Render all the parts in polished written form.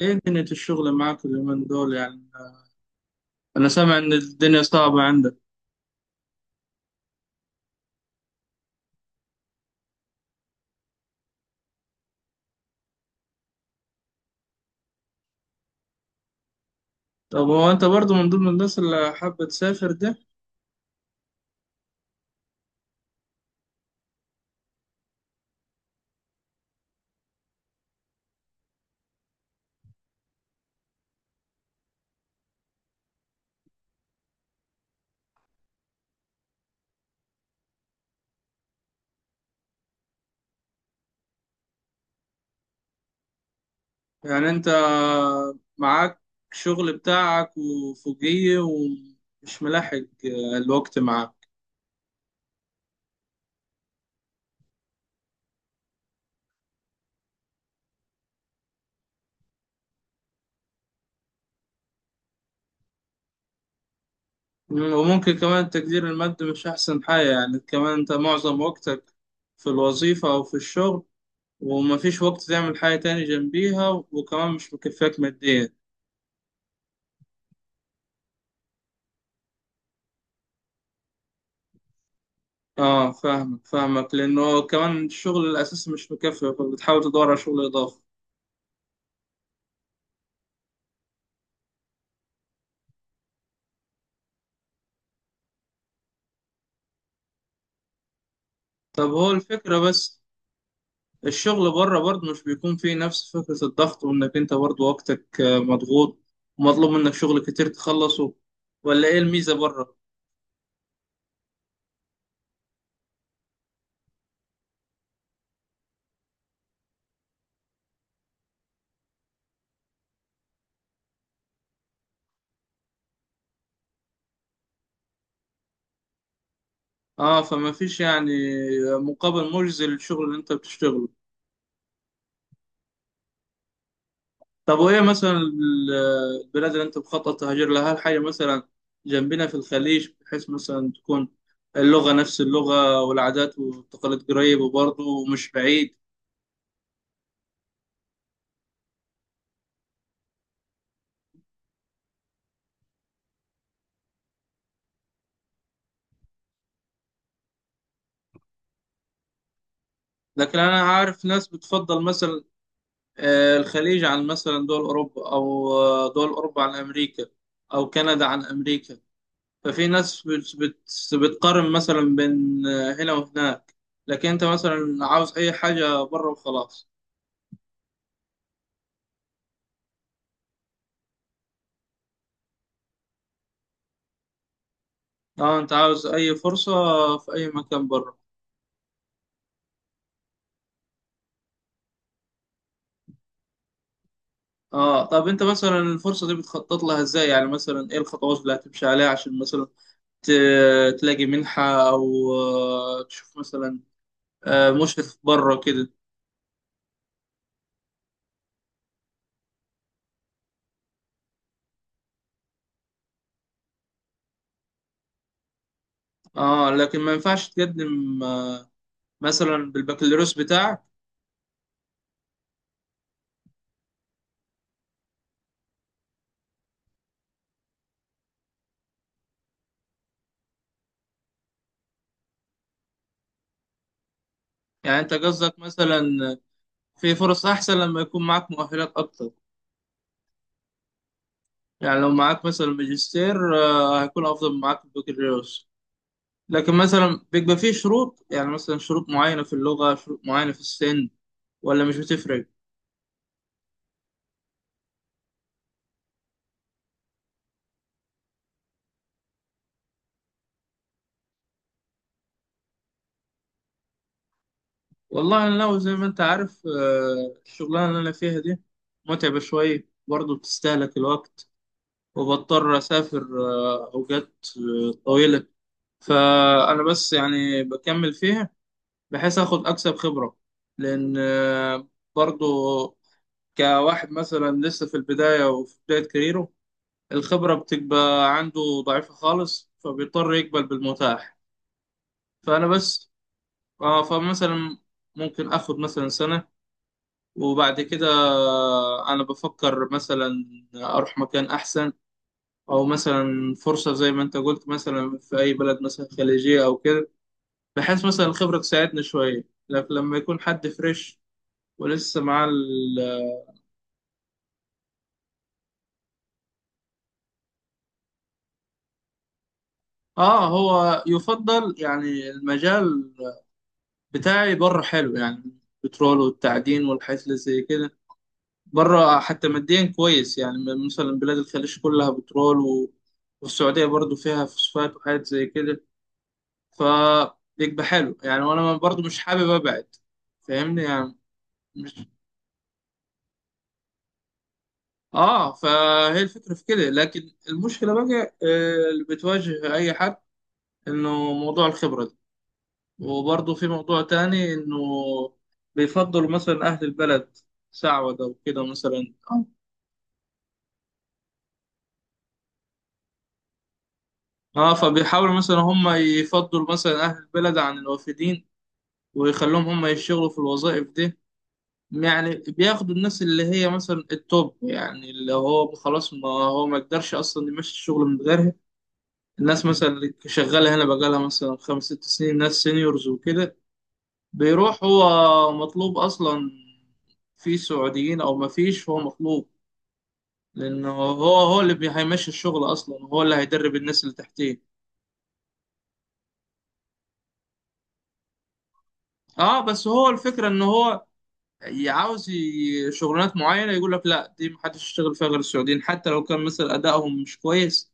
ايه دنيا الشغل معاك اليومين دول يعني؟ انا سامع ان الدنيا صعبة عندك. طب هو انت برضو من ضمن الناس اللي حابة تسافر ده؟ يعني انت معاك شغل بتاعك وفوقيه ومش ملاحق الوقت معاك. وممكن كمان تقدير المادي مش احسن حاجة، يعني كمان انت معظم وقتك في الوظيفة او في الشغل، ومفيش وقت تعمل حاجة تاني جنبيها، وكمان مش مكفاك ماديا. اه، فاهمك فاهمك، لانه كمان الشغل الاساسي مش مكفي، فبتحاول تدور على شغل اضافي. طب هو الفكره بس، الشغل بره برضه مش بيكون فيه نفس فكره الضغط، وانك انت برضه وقتك مضغوط ومطلوب منك شغل كتير تخلصه؟ ولا ايه الميزه بره؟ اه، فما فيش يعني مقابل مجزي للشغل اللي انت بتشتغله. طب وإيه مثلا البلاد اللي أنت مخطط تهاجر لها؟ هل حاجة مثلا جنبنا في الخليج، بحيث مثلا تكون اللغة نفس اللغة والعادات والتقاليد قريب وبرضه مش بعيد؟ لكن أنا عارف ناس بتفضل مثلا الخليج عن مثلا دول أوروبا، أو دول أوروبا عن أمريكا، أو كندا عن أمريكا. ففي ناس بت بت بتقارن مثلا بين هنا وهناك، لكن أنت مثلا عاوز أي حاجة بره وخلاص. اه، انت عاوز اي فرصة في اي مكان بره. اه، طب انت مثلا الفرصة دي بتخطط لها ازاي؟ يعني مثلا ايه الخطوات اللي هتمشي عليها عشان مثلا تلاقي منحة، او تشوف مثلا مشرف بره كده؟ اه، لكن ما ينفعش تقدم مثلا بالبكالوريوس بتاعك؟ يعني انت قصدك مثلا في فرص احسن لما يكون معاك مؤهلات اكتر؟ يعني لو معاك مثلا ماجستير هيكون افضل من معاك البكالوريوس. لكن مثلا بيبقى فيه شروط؟ يعني مثلا شروط معينة في اللغة، شروط معينة في السن، ولا مش بتفرق؟ والله أنا لو زي ما أنت عارف الشغلانة اللي أنا فيها دي متعبة شوية، برضه بتستهلك الوقت، وبضطر أسافر أوقات طويلة. فأنا بس يعني بكمل فيها، بحيث آخد أكسب خبرة، لأن برضه كواحد مثلا لسه في البداية وفي بداية كاريره، الخبرة بتبقى عنده ضعيفة خالص، فبيضطر يقبل بالمتاح. فأنا بس فمثلا ممكن آخد مثلا سنة، وبعد كده أنا بفكر مثلا أروح مكان أحسن، أو مثلا فرصة زي ما أنت قلت مثلا في أي بلد مثلا خليجية أو كده، بحيث مثلا الخبرة تساعدني شوية. لكن لما يكون حد فريش ولسه مع ال آه هو يفضل يعني المجال بتاعي بره حلو يعني، البترول والتعدين والحاجات اللي زي كده، بره حتى ماديا كويس يعني. مثلا بلاد الخليج كلها بترول والسعودية برضو فيها فوسفات وحاجات زي كده، فبيبقى حلو يعني. وانا برضو مش حابب ابعد، فاهمني يعني. مش اه فهي الفكرة في كده. لكن المشكلة بقى اللي بتواجه اي حد، انه موضوع الخبرة دي، وبرضو في موضوع تاني، انه بيفضلوا مثلا اهل البلد، سعودة وكده مثلا. اه، فبيحاولوا مثلا هم يفضلوا مثلا اهل البلد عن الوافدين، ويخلوهم هم يشتغلوا في الوظائف دي. يعني بياخدوا الناس اللي هي مثلا التوب، يعني اللي هو خلاص، ما هو ما يقدرش اصلا يمشي الشغل من غيرها. الناس مثلا اللي شغاله هنا بقالها مثلا خمس ست سنين، ناس سينيورز وكده، بيروح هو مطلوب اصلا. في سعوديين او ما فيش، هو مطلوب، لانه هو هو اللي هيمشي الشغل اصلا، هو اللي هيدرب الناس اللي تحتيه. اه، بس هو الفكره ان هو عاوز شغلانات معينة. يقول لك لا، دي محدش يشتغل فيها غير السعوديين، حتى لو كان مثلا أدائهم مش كويس.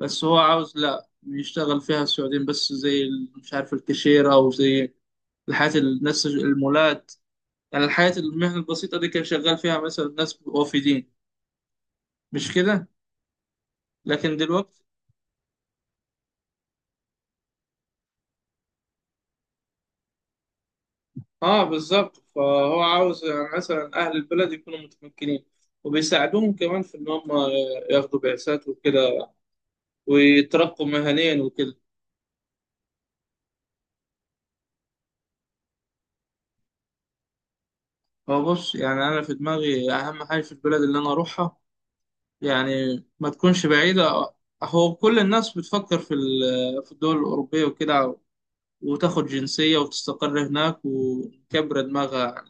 بس هو عاوز لا يشتغل فيها السعوديين بس، زي مش عارف الكاشيرة، أو زي الحياة الناس المولات، يعني الحياة المهنة البسيطة دي كان شغال فيها مثلا ناس وافدين، مش كده؟ لكن دلوقتي. اه، بالظبط، فهو عاوز يعني مثلا أهل البلد يكونوا متمكنين، وبيساعدوهم كمان في إن هم ياخدوا بعثات وكده، ويترقوا مهنيا وكده. هو بص، يعني انا في دماغي اهم حاجه في البلد اللي انا اروحها، يعني ما تكونش بعيده. هو كل الناس بتفكر في في الدول الاوروبيه وكده، وتاخد جنسيه وتستقر هناك وتكبر دماغها يعني،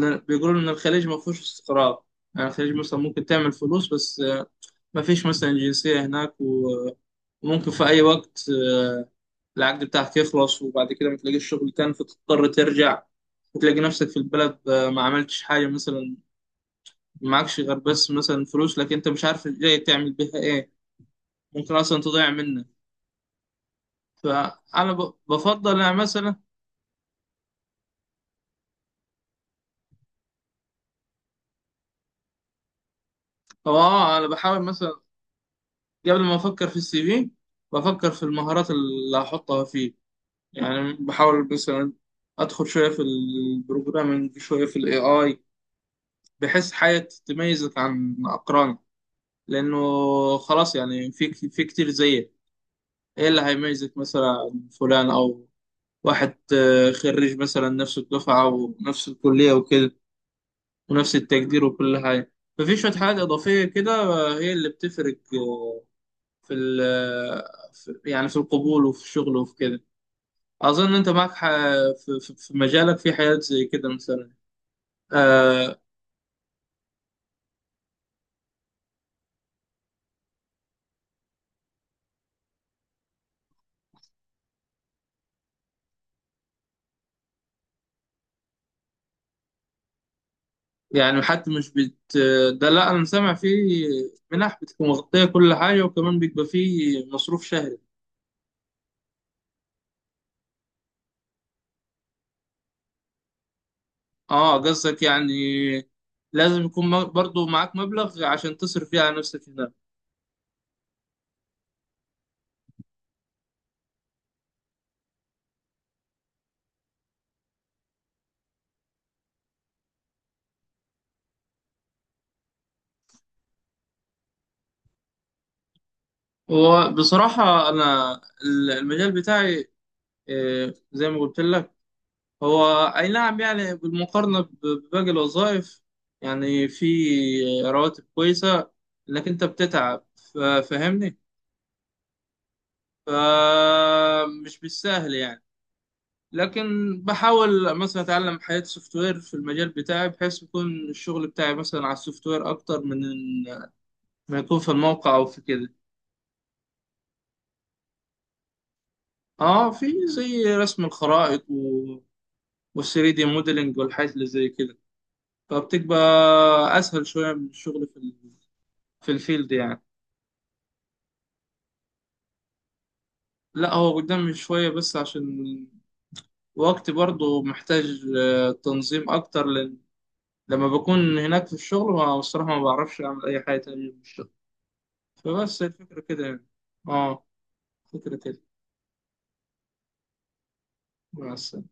لان بيقولوا ان الخليج ما فيهوش استقرار. يعني الخليج مثلا ممكن تعمل فلوس بس، ما فيش مثلا جنسيه هناك وممكن في اي وقت العقد بتاعك يخلص، وبعد كده ما تلاقيش شغل تاني، فتضطر ترجع، وتلاقي نفسك في البلد ما عملتش حاجة مثلا، معكش غير بس مثلا فلوس، لكن انت مش عارف ازاي تعمل بيها ايه. ممكن اصلا تضيع منك. فانا بفضل يعني مثلا. هو اه، انا بحاول مثلا قبل ما افكر في السي في، بفكر في المهارات اللي هحطها فيه. يعني بحاول مثلا ادخل شويه في البروجرامنج، شويه في الاي اي، بحيث حاجه تميزك عن اقرانك، لانه خلاص يعني في كتير زيك. ايه اللي هيميزك مثلا عن فلان، او واحد خريج مثلا نفس الدفعة ونفس الكلية وكده ونفس التقدير وكل حاجة؟ ففي شوية حاجات إضافية كده هي اللي بتفرق في يعني في القبول وفي الشغل وفي كده. أظن أنت معك في في مجالك في حاجات زي كده مثلا آه، يعني حتى مش بت ده لا، أنا سامع فيه منح بتبقى مغطية كل حاجة، وكمان بيبقى فيه مصروف شهري. اه، قصدك يعني لازم يكون برضو معاك مبلغ عشان تصرف فيه على نفسك هناك؟ وبصراحة أنا المجال بتاعي زي ما قلت لك، هو أي نعم، يعني بالمقارنة بباقي الوظائف يعني في رواتب كويسة، لكن أنت بتتعب، فاهمني. فمش بالسهل يعني. لكن بحاول مثلا أتعلم حياة سوفت وير في المجال بتاعي، بحيث يكون الشغل بتاعي مثلا على السوفت وير أكتر من ما يكون في الموقع او في كده. اه، في زي رسم الخرائط والثري دي موديلنج والحاجات اللي زي كده، فبتبقى اسهل شويه من الشغل في في الفيلد يعني. لا، هو قدامي شويه، بس عشان وقتي برضو محتاج تنظيم اكتر، لان لما بكون هناك في الشغل، ما الصراحه ما بعرفش اعمل اي حاجه تانية في الشغل. فبس الفكره كده يعني. اه، فكره كده بس.